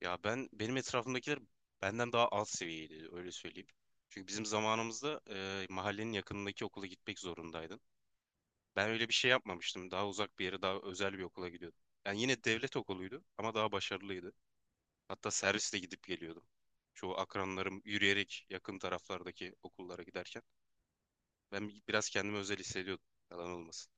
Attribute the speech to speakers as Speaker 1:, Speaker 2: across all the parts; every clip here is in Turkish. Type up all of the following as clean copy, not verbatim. Speaker 1: Ya benim etrafımdakiler benden daha alt seviyeydi öyle söyleyeyim. Çünkü bizim zamanımızda mahallenin yakınındaki okula gitmek zorundaydın. Ben öyle bir şey yapmamıştım. Daha uzak bir yere, daha özel bir okula gidiyordum. Yani yine devlet okuluydu ama daha başarılıydı. Hatta servisle gidip geliyordum. Çoğu akranlarım yürüyerek yakın taraflardaki okullara giderken ben biraz kendimi özel hissediyordum. Yalan olmasın.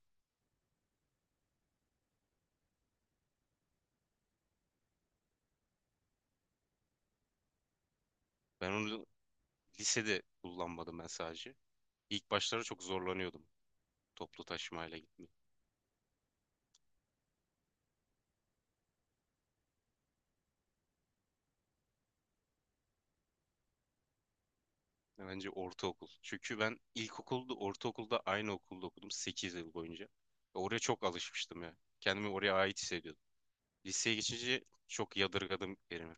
Speaker 1: Ben onu lisede kullanmadım ben sadece. İlk başlarda çok zorlanıyordum toplu taşımayla gitmeye. Bence ortaokul. Çünkü ben ilkokulda, ortaokulda aynı okulda okudum 8 yıl boyunca. Ve oraya çok alışmıştım ya. Kendimi oraya ait hissediyordum. Liseye geçince çok yadırgadım yerimi.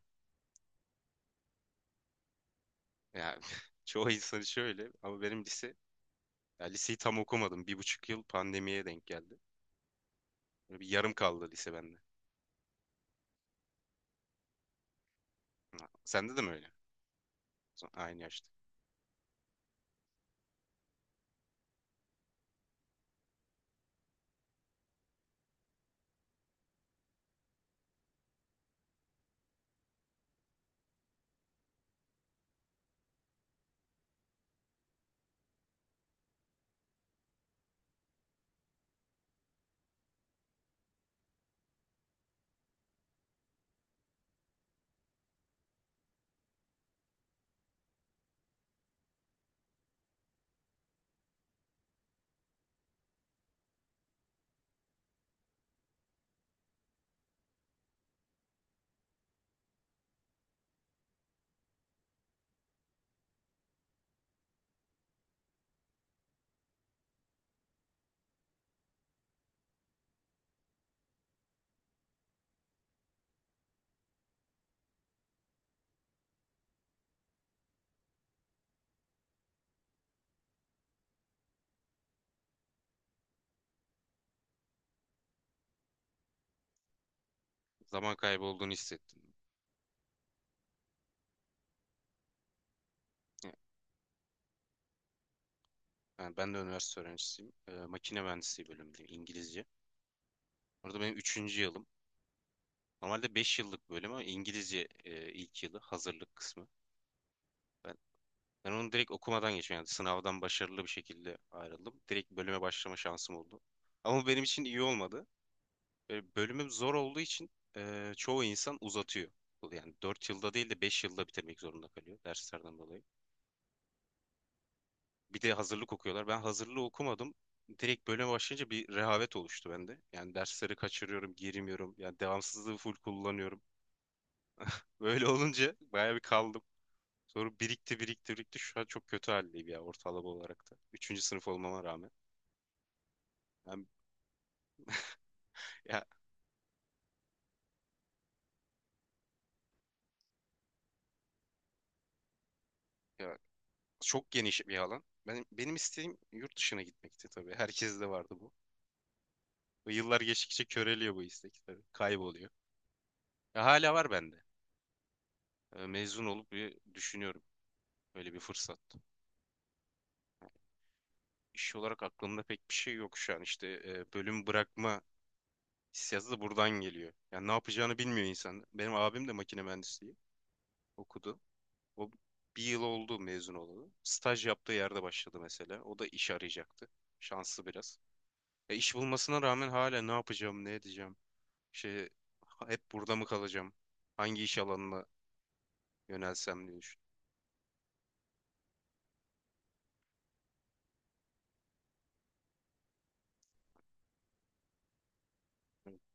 Speaker 1: Yani çoğu insan şöyle ama benim lise, ya liseyi tam okumadım. 1,5 yıl pandemiye denk geldi. Böyle bir yarım kaldı lise bende. Ha, sende de mi öyle? Aynı yaşta. Zaman kaybı olduğunu hissettim. Ya, Yani ben de üniversite öğrencisiyim. Makine mühendisliği bölümündeyim İngilizce. Orada benim üçüncü yılım. Normalde 5 yıllık bölüm ama İngilizce ilk yılı hazırlık kısmı. Ben, ben onu direkt okumadan geçtim. Yani sınavdan başarılı bir şekilde ayrıldım. Direkt bölüme başlama şansım oldu. Ama bu benim için iyi olmadı. Bölümüm zor olduğu için çoğu insan uzatıyor. Yani 4 yılda değil de 5 yılda bitirmek zorunda kalıyor derslerden dolayı. Bir de hazırlık okuyorlar. Ben hazırlığı okumadım. Direkt bölüme başlayınca bir rehavet oluştu bende. Yani dersleri kaçırıyorum, girmiyorum. Yani devamsızlığı full kullanıyorum. Böyle olunca bayağı bir kaldım. Sonra birikti, birikti, birikti. Şu an çok kötü haldeyim ya, ortalama olarak da. Üçüncü sınıf olmama rağmen. Ben, ya, ya çok geniş bir alan. Benim isteğim yurt dışına gitmekti tabii. Herkes de vardı bu. Ve yıllar geçtikçe köreliyor bu istek tabii. Kayboluyor. Ya, hala var bende. Mezun olup bir düşünüyorum. Öyle bir fırsat. İş olarak aklımda pek bir şey yok şu an. İşte bölüm bırakma hissiyatı da buradan geliyor. Yani ne yapacağını bilmiyor insan. Benim abim de makine mühendisliği okudu. O, 1 yıl oldu mezun olalı. Staj yaptığı yerde başladı mesela. O da iş arayacaktı. Şanslı biraz. E iş bulmasına rağmen hala ne yapacağım, ne edeceğim? Şey, hep burada mı kalacağım? Hangi iş alanına yönelsem diye düşünüyorum.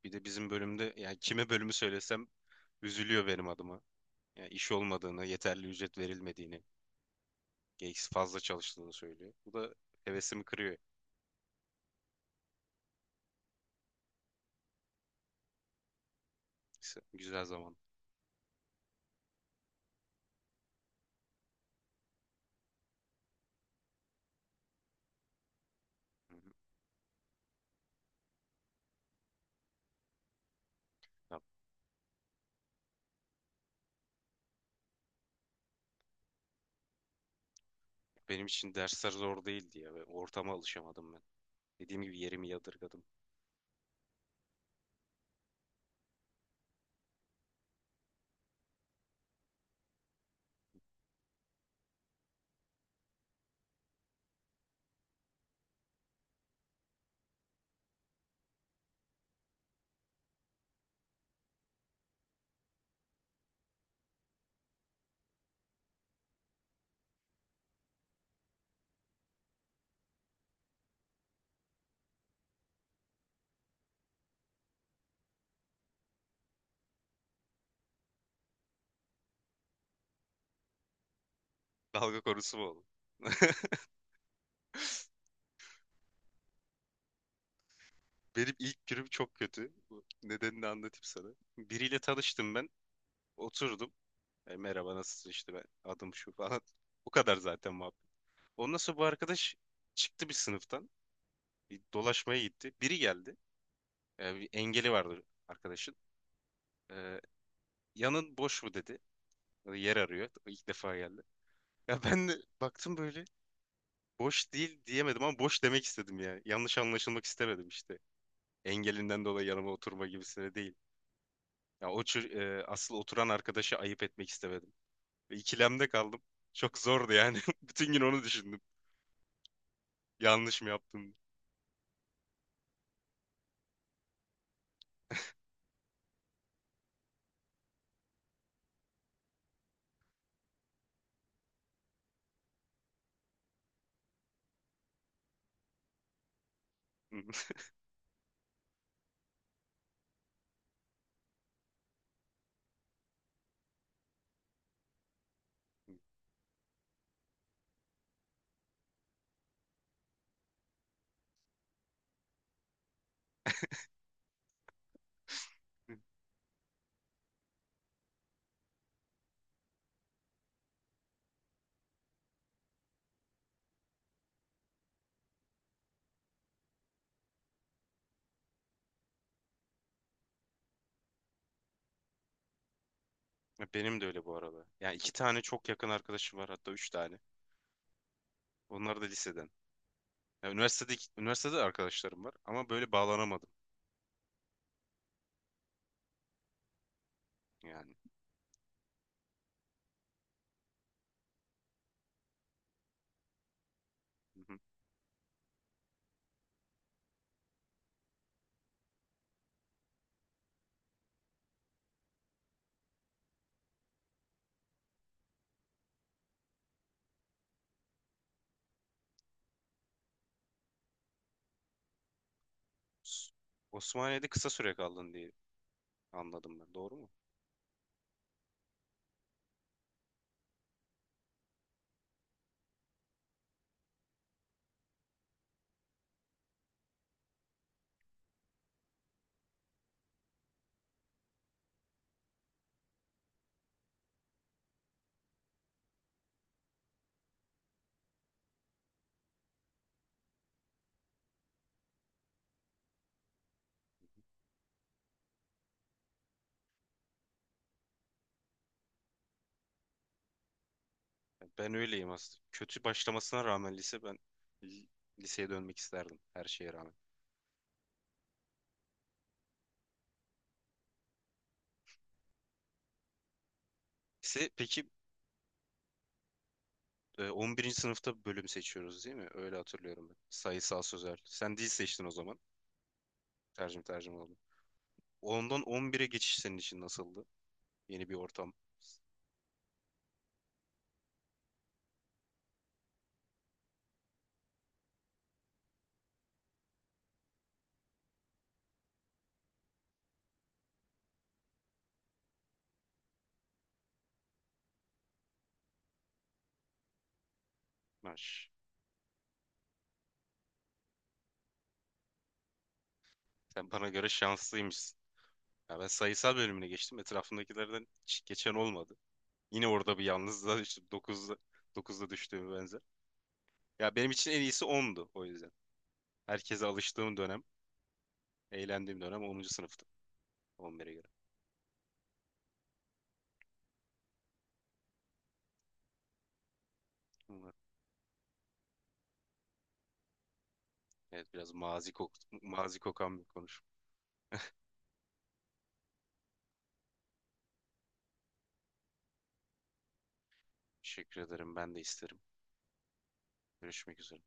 Speaker 1: Bir de bizim bölümde yani kime bölümü söylesem üzülüyor benim adıma. Yani iş olmadığını, yeterli ücret verilmediğini, gereksiz fazla çalıştığını söylüyor. Bu da hevesimi kırıyor. Güzel zaman. Hı hı. Ya benim için dersler zor değildi ya. Ve ortama alışamadım ben. Dediğim gibi yerimi yadırgadım. Dalga konusu mu oğlum? Benim ilk günüm çok kötü. Bu nedenini anlatayım sana. Biriyle tanıştım ben. Oturdum. Merhaba, nasılsın, işte ben adım şu falan. Bu kadar zaten muhabbet. Ondan sonra bu arkadaş çıktı bir sınıftan. Bir dolaşmaya gitti. Biri geldi. Bir engeli vardı arkadaşın. E, yanın boş mu dedi. Yer arıyor. İlk defa geldi. Ya ben de baktım böyle. Boş değil diyemedim ama boş demek istedim ya. Yanlış anlaşılmak istemedim işte, engelinden dolayı yanıma oturma gibisine değil. Ya o çür- asıl oturan arkadaşı ayıp etmek istemedim. Ve ikilemde kaldım. Çok zordu yani. Bütün gün onu düşündüm. Yanlış mı yaptım? Benim de öyle bu arada. Yani iki tane çok yakın arkadaşım var, hatta üç tane. Onlar da liseden. Ya üniversitede arkadaşlarım var ama böyle bağlanamadım yani. Hı hı. S- Osmaniye'de kısa süre kaldın diye anladım ben. Doğru mu? Ya ben öyleyim aslında. Kötü başlamasına rağmen lise, ben li- liseye dönmek isterdim her şeye rağmen. Lise, peki 11. sınıfta bölüm seçiyoruz değil mi? Öyle hatırlıyorum ben. Sayısal, sözel. Sen dil seçtin o zaman. Tercüme oldu. Ondan 11'e geçiş senin için nasıldı? Yeni bir ortam. Maş. Sen bana göre şanslıymışsın. Ya ben sayısal bölümüne geçtim. Etrafımdakilerden hiç geçen olmadı. Yine orada bir yalnızlığa düştüm. 9'da düştüğüm benzer. Ya benim için en iyisi 10'du o yüzden. Herkese alıştığım dönem, eğlendiğim dönem 10. sınıftı. 11'e göre. Bunlar- Evet, biraz mazi kokan bir konuşma. Teşekkür ederim. Ben de isterim. Görüşmek üzere.